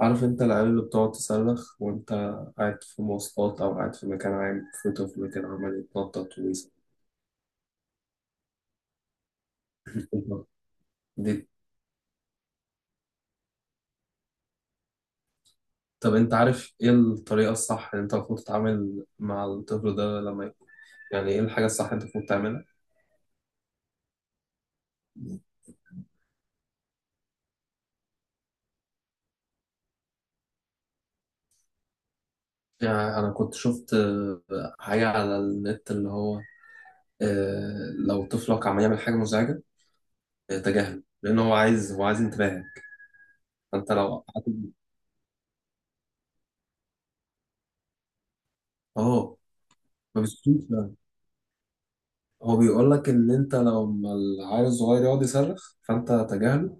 عارف انت العيال اللي بتقعد تصرخ وانت قاعد في مواصلات او قاعد في مكان عام؟ في طفل كده عمال يتنطط ويصرخ. دي طب انت عارف ايه الطريقة الصح اللي انت المفروض تتعامل مع الطفل ده لما يكون، يعني ايه الحاجة الصح اللي انت المفروض تعملها؟ يعني انا كنت شفت حاجة على النت اللي هو لو طفلك عمال يعمل حاجة مزعجة، تجاهله لان هو عايز انتباهك. فانت لو قعدت- اه، ما بتسكتش. هو بيقول لك ان انت لو ما العيل الصغير يقعد يصرخ فانت تجاهله،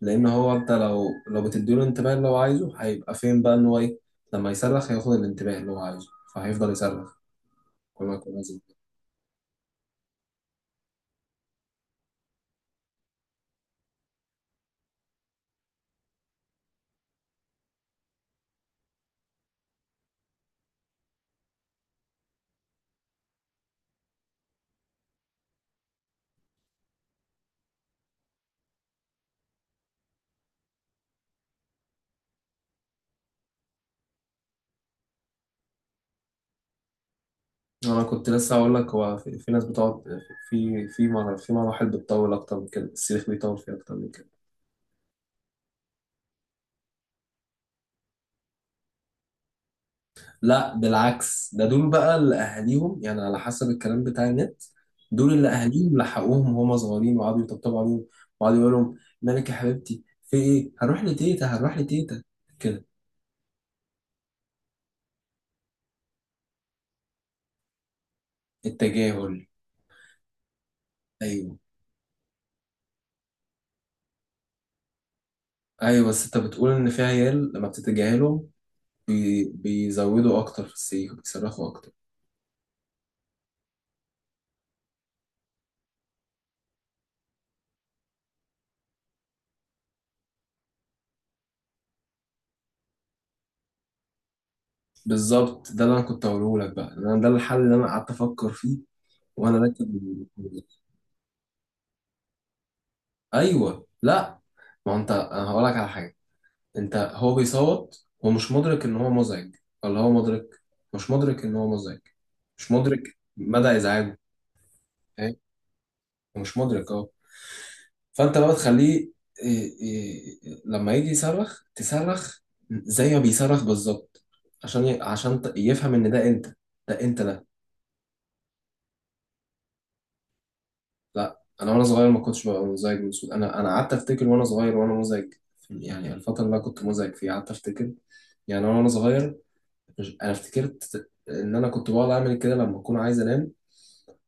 لان انت لو بتديله الانتباه اللي هو عايزه هيبقى فين بقى ان هو ايه؟ لما يصرخ هياخد الانتباه اللي هو عايزه فهيفضل يصرخ، كل ما يكون لازم. انا كنت لسه هقول لك هو في ناس بتقعد، في مراحل بتطول اكتر من كده، الصريخ بيطول فيها اكتر من كده. لا بالعكس، دول بقى اللي اهاليهم، يعني على حسب الكلام بتاع النت، دول اللي اهاليهم لحقوهم وهم صغيرين وقعدوا يطبطبوا عليهم، وقعدوا يقولوا لهم: مالك يا حبيبتي؟ في ايه؟ هروح لتيتا، هروح لتيتا، كده. التجاهل. ايوه، ايوه، بس انت بتقول ان في عيال لما بتتجاهلهم بيزودوا اكتر في السيخ، بيصرخوا اكتر. بالظبط، ده اللي انا كنت هقوله لك بقى، انا ده الحل اللي انا قعدت افكر فيه وانا راكب. ايوه، لا، ما هو انت، انا هقول لك على حاجه. انت، هو بيصوت، هو مش مدرك ان هو مزعج، ولا هو مدرك؟ مش مدرك ان هو مزعج، مش مدرك مدى ازعاجه، فاهم؟ هو مش مدرك، اه. فانت بقى تخليه، إيه، لما يجي يصرخ تصرخ زي ما بيصرخ بالظبط، عشان ي... عشان ت- يفهم ان ده انت، ده انت ده. لا انا وانا صغير ما كنتش ببقى مزعج من الصوت، انا قعدت افتكر وانا صغير وانا مزعج، يعني الفتره اللي انا كنت مزعج فيها قعدت افتكر، يعني وانا صغير. انا افتكرت ان انا كنت بقعد اعمل كده لما اكون عايز انام،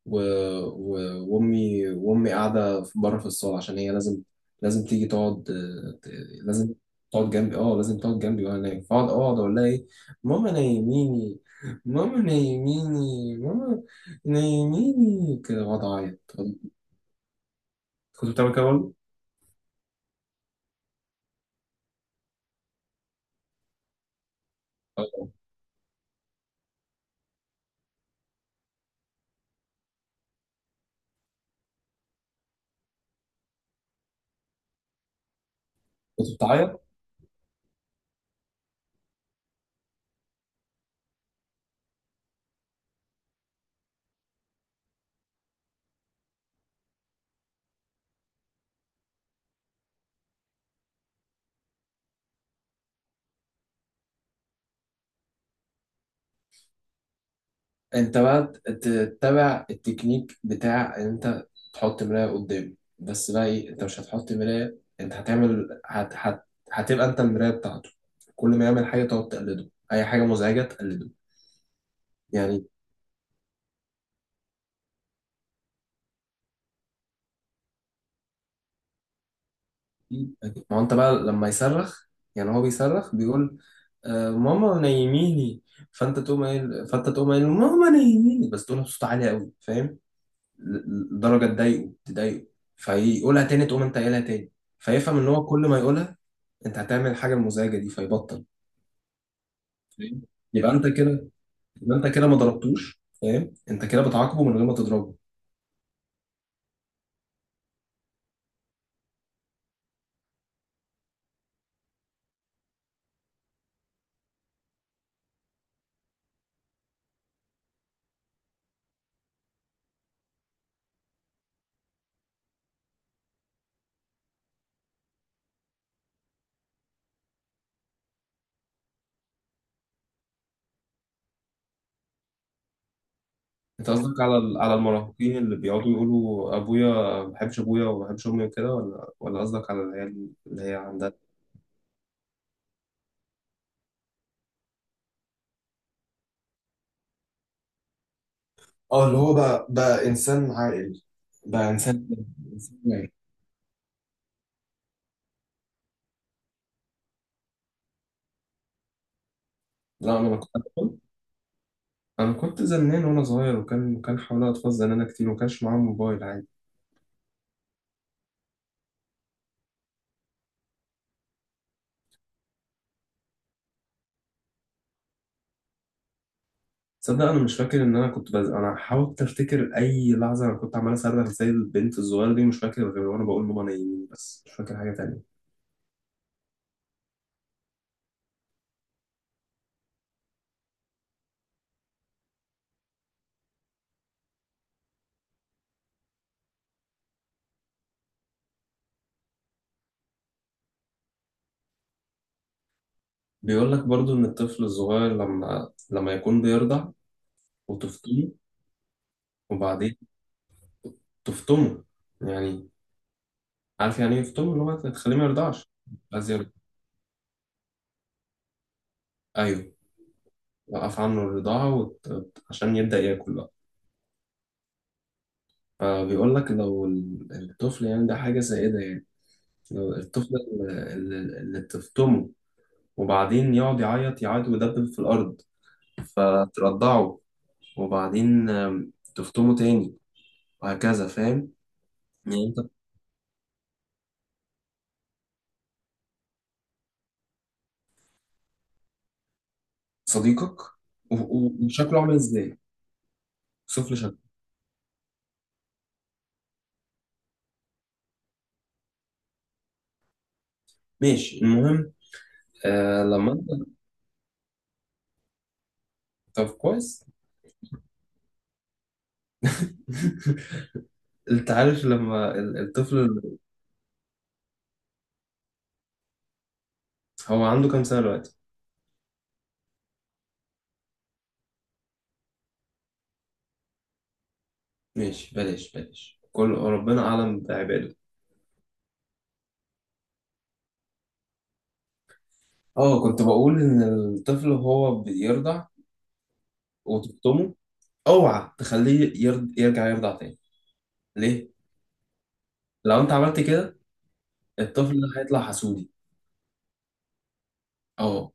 و... و... وامي قاعده بره في الصاله عشان هي لازم، لازم تيجي تقعد، ت- لازم تقعد جنبي، اه لازم تقعد جنبي وانا نايم، فاقعد اقول لها ايه: ماما نايميني، ماما نايميني، ماما نايميني كده، بقعد اعيط. كنت بتعمل كده برضه؟ آه، كنت بتعيط. انت بقى تتبع التكنيك بتاع ان انت تحط مراية قدام، بس بقى ايه، انت مش هتحط مراية، انت هتعمل، هتبقى انت المراية بتاعته، كل ما يعمل حاجة تقعد تقلده، اي حاجة مزعجة تقلده. يعني ما هو انت بقى لما يصرخ، يعني هو بيصرخ بيقول: آه ماما نيميني، فانت تقوم قايل ماما نيميني، بس تقولها بصوت عالي قوي، فاهم؟ لدرجه تضايقه تضايقه، فيقولها تاني، تقوم انت قايلها تاني، فيفهم ان هو كل ما يقولها انت هتعمل الحاجه المزعجه دي، فيبطل، فاهم؟ يبقى انت كده يبقى انت كده ما ضربتوش، فاهم، انت كده بتعاقبه من غير ما تضربه. انت قصدك على على المراهقين اللي بيقعدوا يقولوا: ابويا ما بحبش ابويا، وما بحبش امي، وكده، ولا قصدك على العيال اللي هي عندها؟ اه، اللي هو بقى، انسان عاقل، بقى إنسان واعي. لا انا بتكلم، انا كنت زنان وانا صغير، وكان حوالي اطفال زنانه كتير، وما كانش معاهم موبايل، عادي. تصدق، انا مش فاكر ان انا انا حاولت افتكر اي لحظه انا كنت عمال اصرخ زي البنت الصغيره دي، مش فاكر غير وانا بقول ماما نايمين، بس مش فاكر حاجه تانية. بيقول لك برضو ان الطفل الصغير لما يكون بيرضع، وتفطمه، وبعدين تفطمه يعني، عارف يعني ايه يفطمه، اللي هو تخليه ما يرضعش، عايز يرضع. ايوه، وقف عنه الرضاعه عشان يبدا ياكل بقى. فبيقول لك لو الطفل، يعني ده حاجه سائده يعني، الطفل اللي تفطمه، وبعدين يقعد يعيط يعيط ويدبل في الأرض، فترضعه، وبعدين تفطمه تاني، وهكذا، فاهم؟ يعني أنت، صديقك، وشكله عامل إزاي؟ شوف لي شكله، ماشي المهم. لما أنت، طب كويس. أنت عارف لما الطفل، هو عنده كام سنة دلوقتي؟ ماشي بلاش بلاش، كل ربنا أعلم بعباده. اه، كنت بقول إن الطفل هو بيرضع وتفطمه، اوعى تخليه يرجع يرضع تاني. ليه؟ لو انت عملت كده الطفل ده هيطلع حسودي. اه،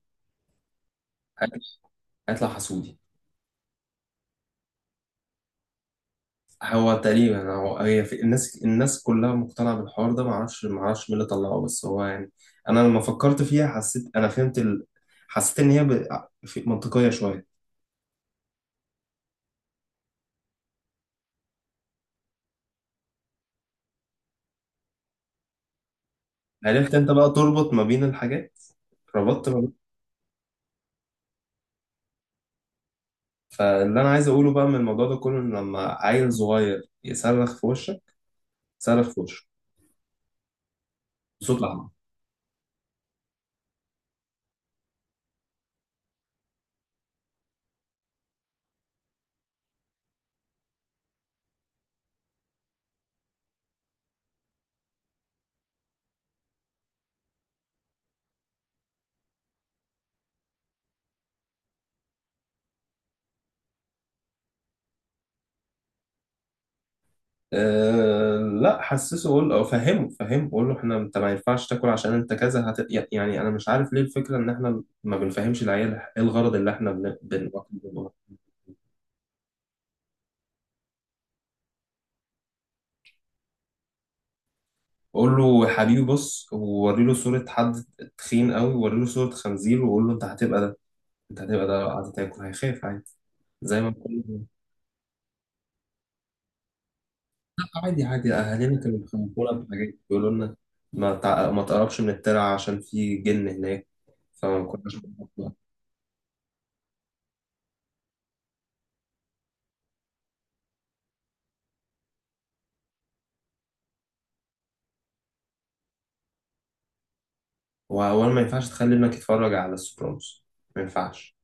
هيطلع هيطلع حسودي. هو تقريبا هي في الناس كلها مقتنعة بالحوار ده، معرفش مين اللي طلعه، بس هو يعني انا لما فكرت فيها حسيت انا حسيت ان منطقية شوية. عرفت انت بقى تربط ما بين الحاجات، ربطت ما بين. فاللي انا عايز اقوله بقى من الموضوع ده كله، ان لما عيل صغير يصرخ في وشك، صرخ في وشه بصوت عالي. أه لا، حسسه قول او فهمه قول له احنا، انت ما ينفعش تاكل عشان انت كذا. يعني انا مش عارف ليه الفكره ان احنا ما بنفهمش العيال ايه الغرض اللي احنا بناكل منه. قول له يا حبيبي، بص، ووري له صوره حد تخين قوي، ووري له صوره خنزير، وقول له انت هتبقى ده، انت هتبقى ده لو قعدت تاكل، هيخاف عادي، زي ما بقول له، لا، عادي عادي، اهالينا كانوا بيخوفونا بحاجات، بيقولوا لنا: ما تقربش من الترعه عشان في جن هناك، فما كناش بنقرب. وأولا، ما ينفعش تخلي ابنك يتفرج على السوبرانوس، ما ينفعش.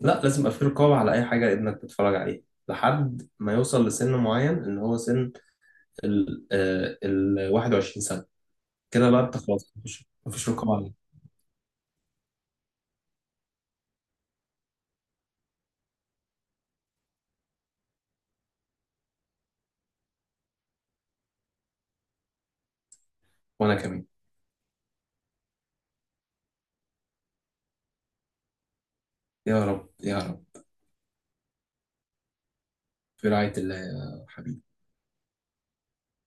لا، لازم يبقى في رقابة على أي حاجة ابنك بيتفرج عليها، لحد ما يوصل لسن معين، إن هو سن ال 21 سنة، كده بقى أنت خلاص، مفيش رقابة عليه. وأنا كمان. يا رب يا رب. في رعاية الله يا حبيبي.